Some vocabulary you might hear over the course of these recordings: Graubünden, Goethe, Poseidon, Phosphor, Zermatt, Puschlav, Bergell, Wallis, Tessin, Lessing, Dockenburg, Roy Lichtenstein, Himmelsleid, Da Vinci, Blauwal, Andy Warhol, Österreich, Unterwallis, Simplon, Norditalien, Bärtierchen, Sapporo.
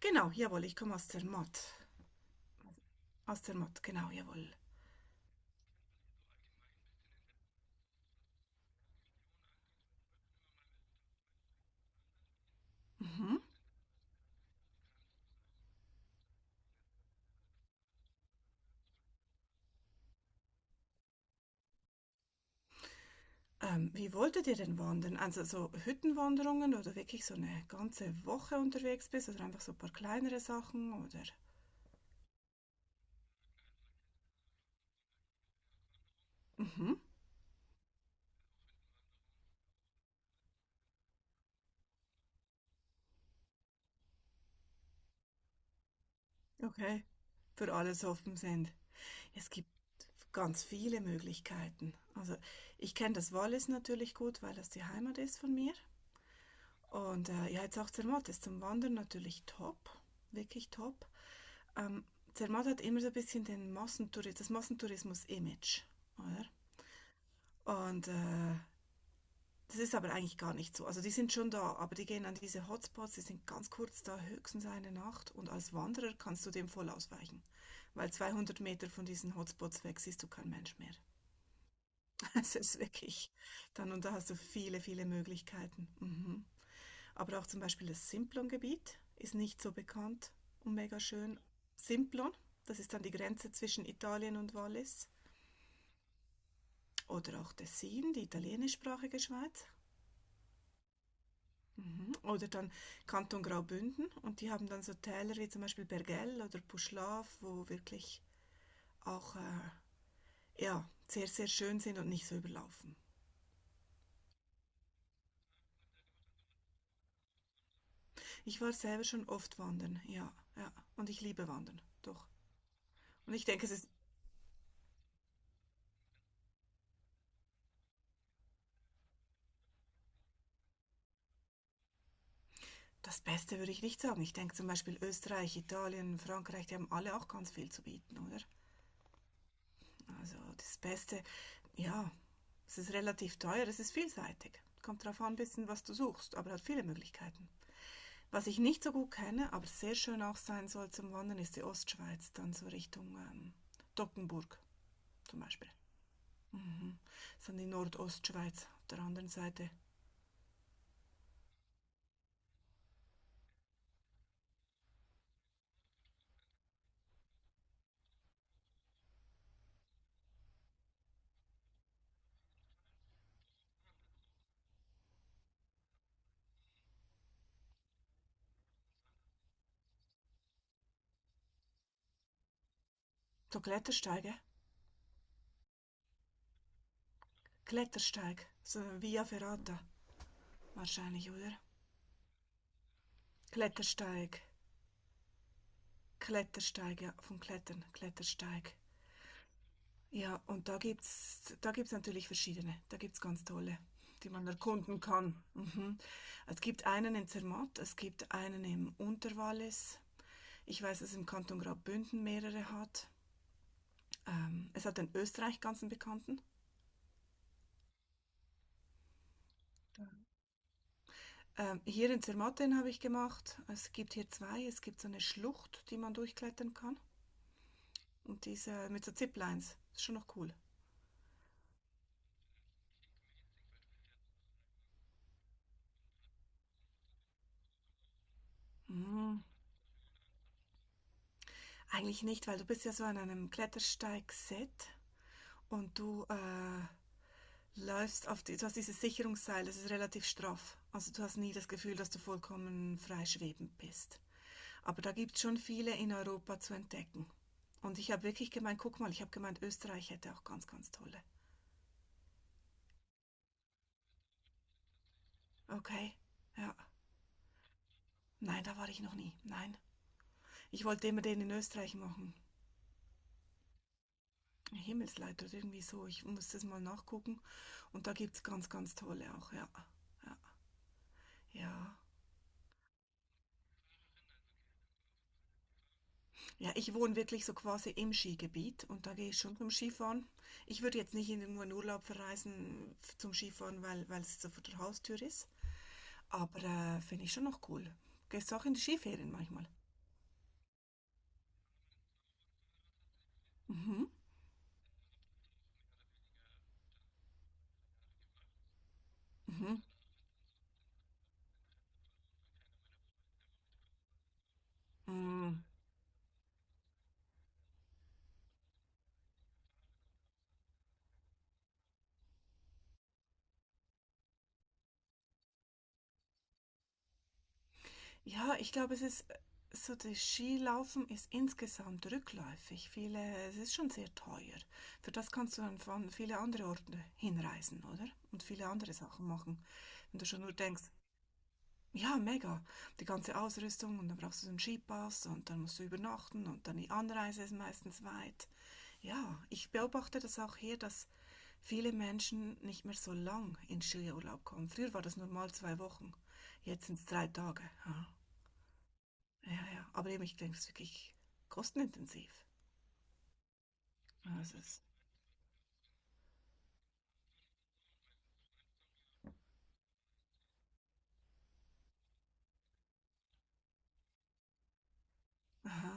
Genau, jawohl, ich komme aus Zermatt. Aus Zermatt, genau, jawohl. Mhm. Wie wolltet ihr denn wandern? Also so Hüttenwanderungen oder wirklich so eine ganze Woche unterwegs bist oder einfach so ein paar kleinere Sachen oder? Mhm. Okay. Für alles offen sind. Es gibt ganz viele Möglichkeiten. Also ich kenne das Wallis natürlich gut, weil das die Heimat ist von mir. Und ja, jetzt auch Zermatt ist zum Wandern natürlich top, wirklich top. ähm, Zermatt hat immer so ein bisschen den Massentourismus, das Massentourismus-Image, oder? Und das ist aber eigentlich gar nicht so. Also die sind schon da, aber die gehen an diese Hotspots, die sind ganz kurz da, höchstens eine Nacht. Und als Wanderer kannst du dem voll ausweichen, weil 200 Meter von diesen Hotspots weg siehst du kein Mensch mehr. Es ist wirklich dann und da hast du viele, viele Möglichkeiten. Mhm. Aber auch zum Beispiel das Simplon-Gebiet ist nicht so bekannt und mega schön. Simplon, das ist dann die Grenze zwischen Italien und Wallis. Oder auch Tessin, die italienischsprachige Schweiz. Mhm. Oder dann Kanton Graubünden und die haben dann so Täler wie zum Beispiel Bergell oder Puschlav, wo wirklich auch ja, sehr, sehr schön sind und nicht so überlaufen. Ich war selber schon oft wandern, ja, ja. Und ich liebe Wandern, doch. Und ich denke, es ist. Das Beste würde ich nicht sagen. Ich denke zum Beispiel Österreich, Italien, Frankreich, die haben alle auch ganz viel zu bieten, oder? Also das Beste, ja, es ist relativ teuer, es ist vielseitig. Kommt darauf an, ein bisschen, was du suchst, aber hat viele Möglichkeiten. Was ich nicht so gut kenne, aber sehr schön auch sein soll zum Wandern, ist die Ostschweiz, dann so Richtung Dockenburg zum Beispiel. Mhm. Das ist dann die Nordostschweiz auf der anderen Seite. So Klettersteige, Klettersteig, so Via Ferrata wahrscheinlich, oder? Klettersteig, Klettersteig, ja, vom Klettern, Klettersteig. Ja, und da gibt's natürlich verschiedene. Da gibt's ganz tolle, die man erkunden kann. Mhm. Es gibt einen in Zermatt, es gibt einen im Unterwallis. Ich weiß, dass es im Kanton Graubünden mehrere hat. Es hat in Österreich ganz einen bekannten. Hier in Zermatt den habe ich gemacht. Es gibt hier zwei. Es gibt so eine Schlucht, die man durchklettern kann. Und diese mit so Ziplines. Ist schon noch cool. Mhm. Eigentlich nicht, weil du bist ja so an einem Klettersteig-Set und du läufst auf die, du hast dieses Sicherungsseil, das ist relativ straff. Also du hast nie das Gefühl, dass du vollkommen frei schwebend bist. Aber da gibt es schon viele in Europa zu entdecken. Und ich habe wirklich gemeint, guck mal, ich habe gemeint, Österreich hätte auch ganz, ganz tolle. Okay, ja. Nein, da war ich noch nie. Nein. Ich wollte immer den in Österreich machen. Himmelsleid oder irgendwie so. Ich muss das mal nachgucken. Und da gibt es ganz, ganz tolle auch, ja. Ja. Ja. Ja, ich wohne wirklich so quasi im Skigebiet und da gehe ich schon zum Skifahren. Ich würde jetzt nicht irgendwo in irgendeinen Urlaub verreisen zum Skifahren, weil es so vor der Haustür ist. Aber finde ich schon noch cool. Gehst du auch in die Skiferien manchmal? Mhm. Mhm. Mm. Ja, ich glaube, es ist so, das Skilaufen ist insgesamt rückläufig. Viele, es ist schon sehr teuer. Für das kannst du dann von viele andere Orte hinreisen, oder? Und viele andere Sachen machen. Wenn du schon nur denkst, ja, mega. Die ganze Ausrüstung und dann brauchst du so einen Skipass und dann musst du übernachten und dann die Anreise ist meistens weit. Ja, ich beobachte das auch hier, dass viele Menschen nicht mehr so lang in Skiurlaub kommen. Früher war das normal 2 Wochen, jetzt sind es 3 Tage. Ja, ja, ja, aber eben, ich denke, es ist wirklich kostenintensiv. Ja, es ist, aha,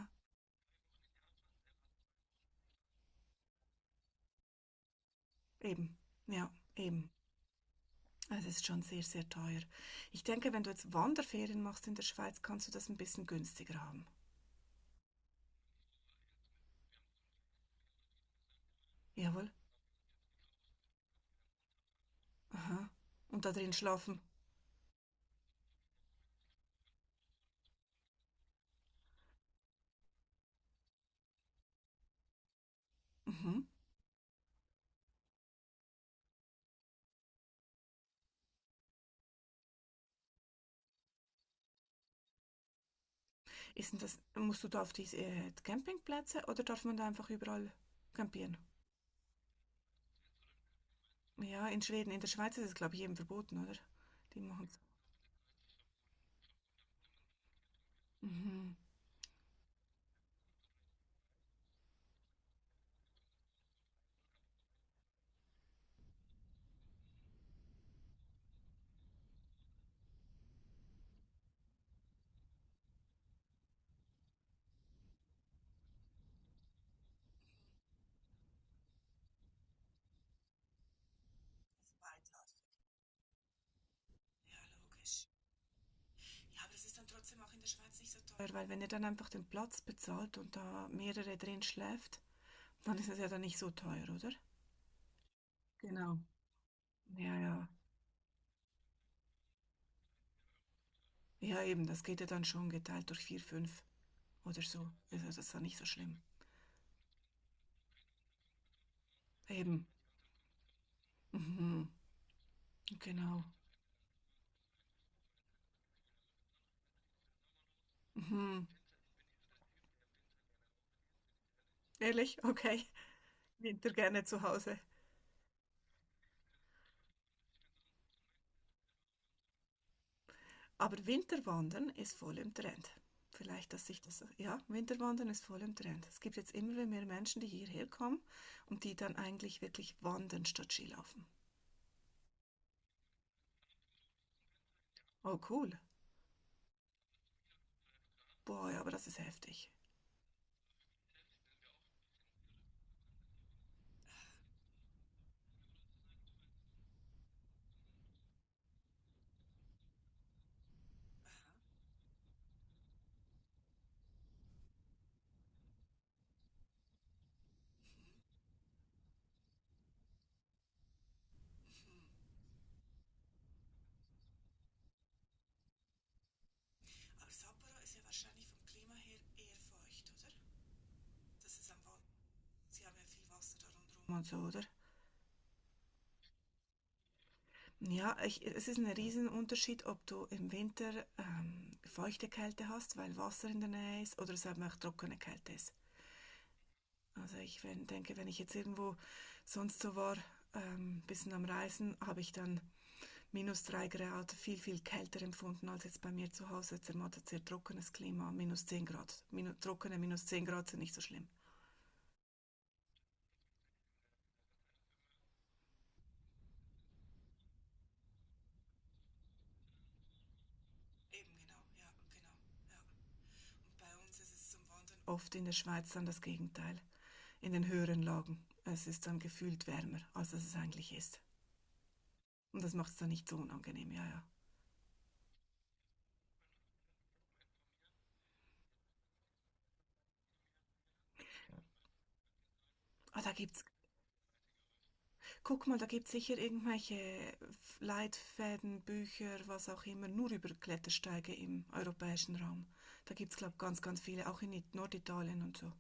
eben, ja, eben. Es ist schon sehr, sehr teuer. Ich denke, wenn du jetzt Wanderferien machst in der Schweiz, kannst du das ein bisschen günstiger haben. Jawohl. Aha. Und da drin schlafen. Mhm. Ist denn das, musst du da auf diese Campingplätze oder darf man da einfach überall campieren? Ja, in Schweden, in der Schweiz ist es, glaube ich, jedem verboten, oder? Die machen es. Mhm. Weitläufig. Ja, logisch. Ja, aber es ist dann trotzdem auch in der Schweiz nicht so teuer. Weil wenn ihr dann einfach den Platz bezahlt und da mehrere drin schläft, dann ist es ja dann nicht so teuer, oder? Genau. Ja, ja. Ja, eben, das geht ja dann schon geteilt durch vier, fünf oder so. Also das ist ja nicht so schlimm. Eben. Mhm. Genau. Mhm. Ehrlich? Okay. Winter gerne zu Hause. Aber Winterwandern ist voll im Trend. Vielleicht, dass sich das. Ja, Winterwandern ist voll im Trend. Es gibt jetzt immer mehr Menschen, die hierher kommen und die dann eigentlich wirklich wandern statt Skilaufen. Oh, cool. Boah, ja, aber das ist heftig. Aber Sapporo ist ja wahrscheinlich vom Klima her eher feucht, oder? Das ist am Wand. Sie haben ja viel Wasser da rundherum. Und so, oder? Ja, ich, es ist ein Riesenunterschied, ob du im Winter feuchte Kälte hast, weil Wasser in der Nähe ist, oder es eben auch trockene Kälte ist. Also ich wenn, denke, wenn ich jetzt irgendwo sonst so war, ein bisschen am Reisen, habe ich dann minus 3 Grad viel, viel kälter empfunden als jetzt bei mir zu Hause. Zermattet sehr trockenes Klima, minus 10 Grad. Trockene minus 10 Grad sind nicht so schlimm. Eben genau, ja, genau. Ja. Bei uns ist es zum Wandern oft in der Schweiz dann das Gegenteil. In den höheren Lagen. Es ist dann gefühlt wärmer, als es eigentlich ist. Und das macht es dann nicht so unangenehm, ja, ja. Ah, da gibt's, guck mal, da gibt's sicher irgendwelche Leitfäden, Bücher, was auch immer, nur über Klettersteige im europäischen Raum. Da gibt's, glaube ich, ganz, ganz viele, auch in Norditalien und so.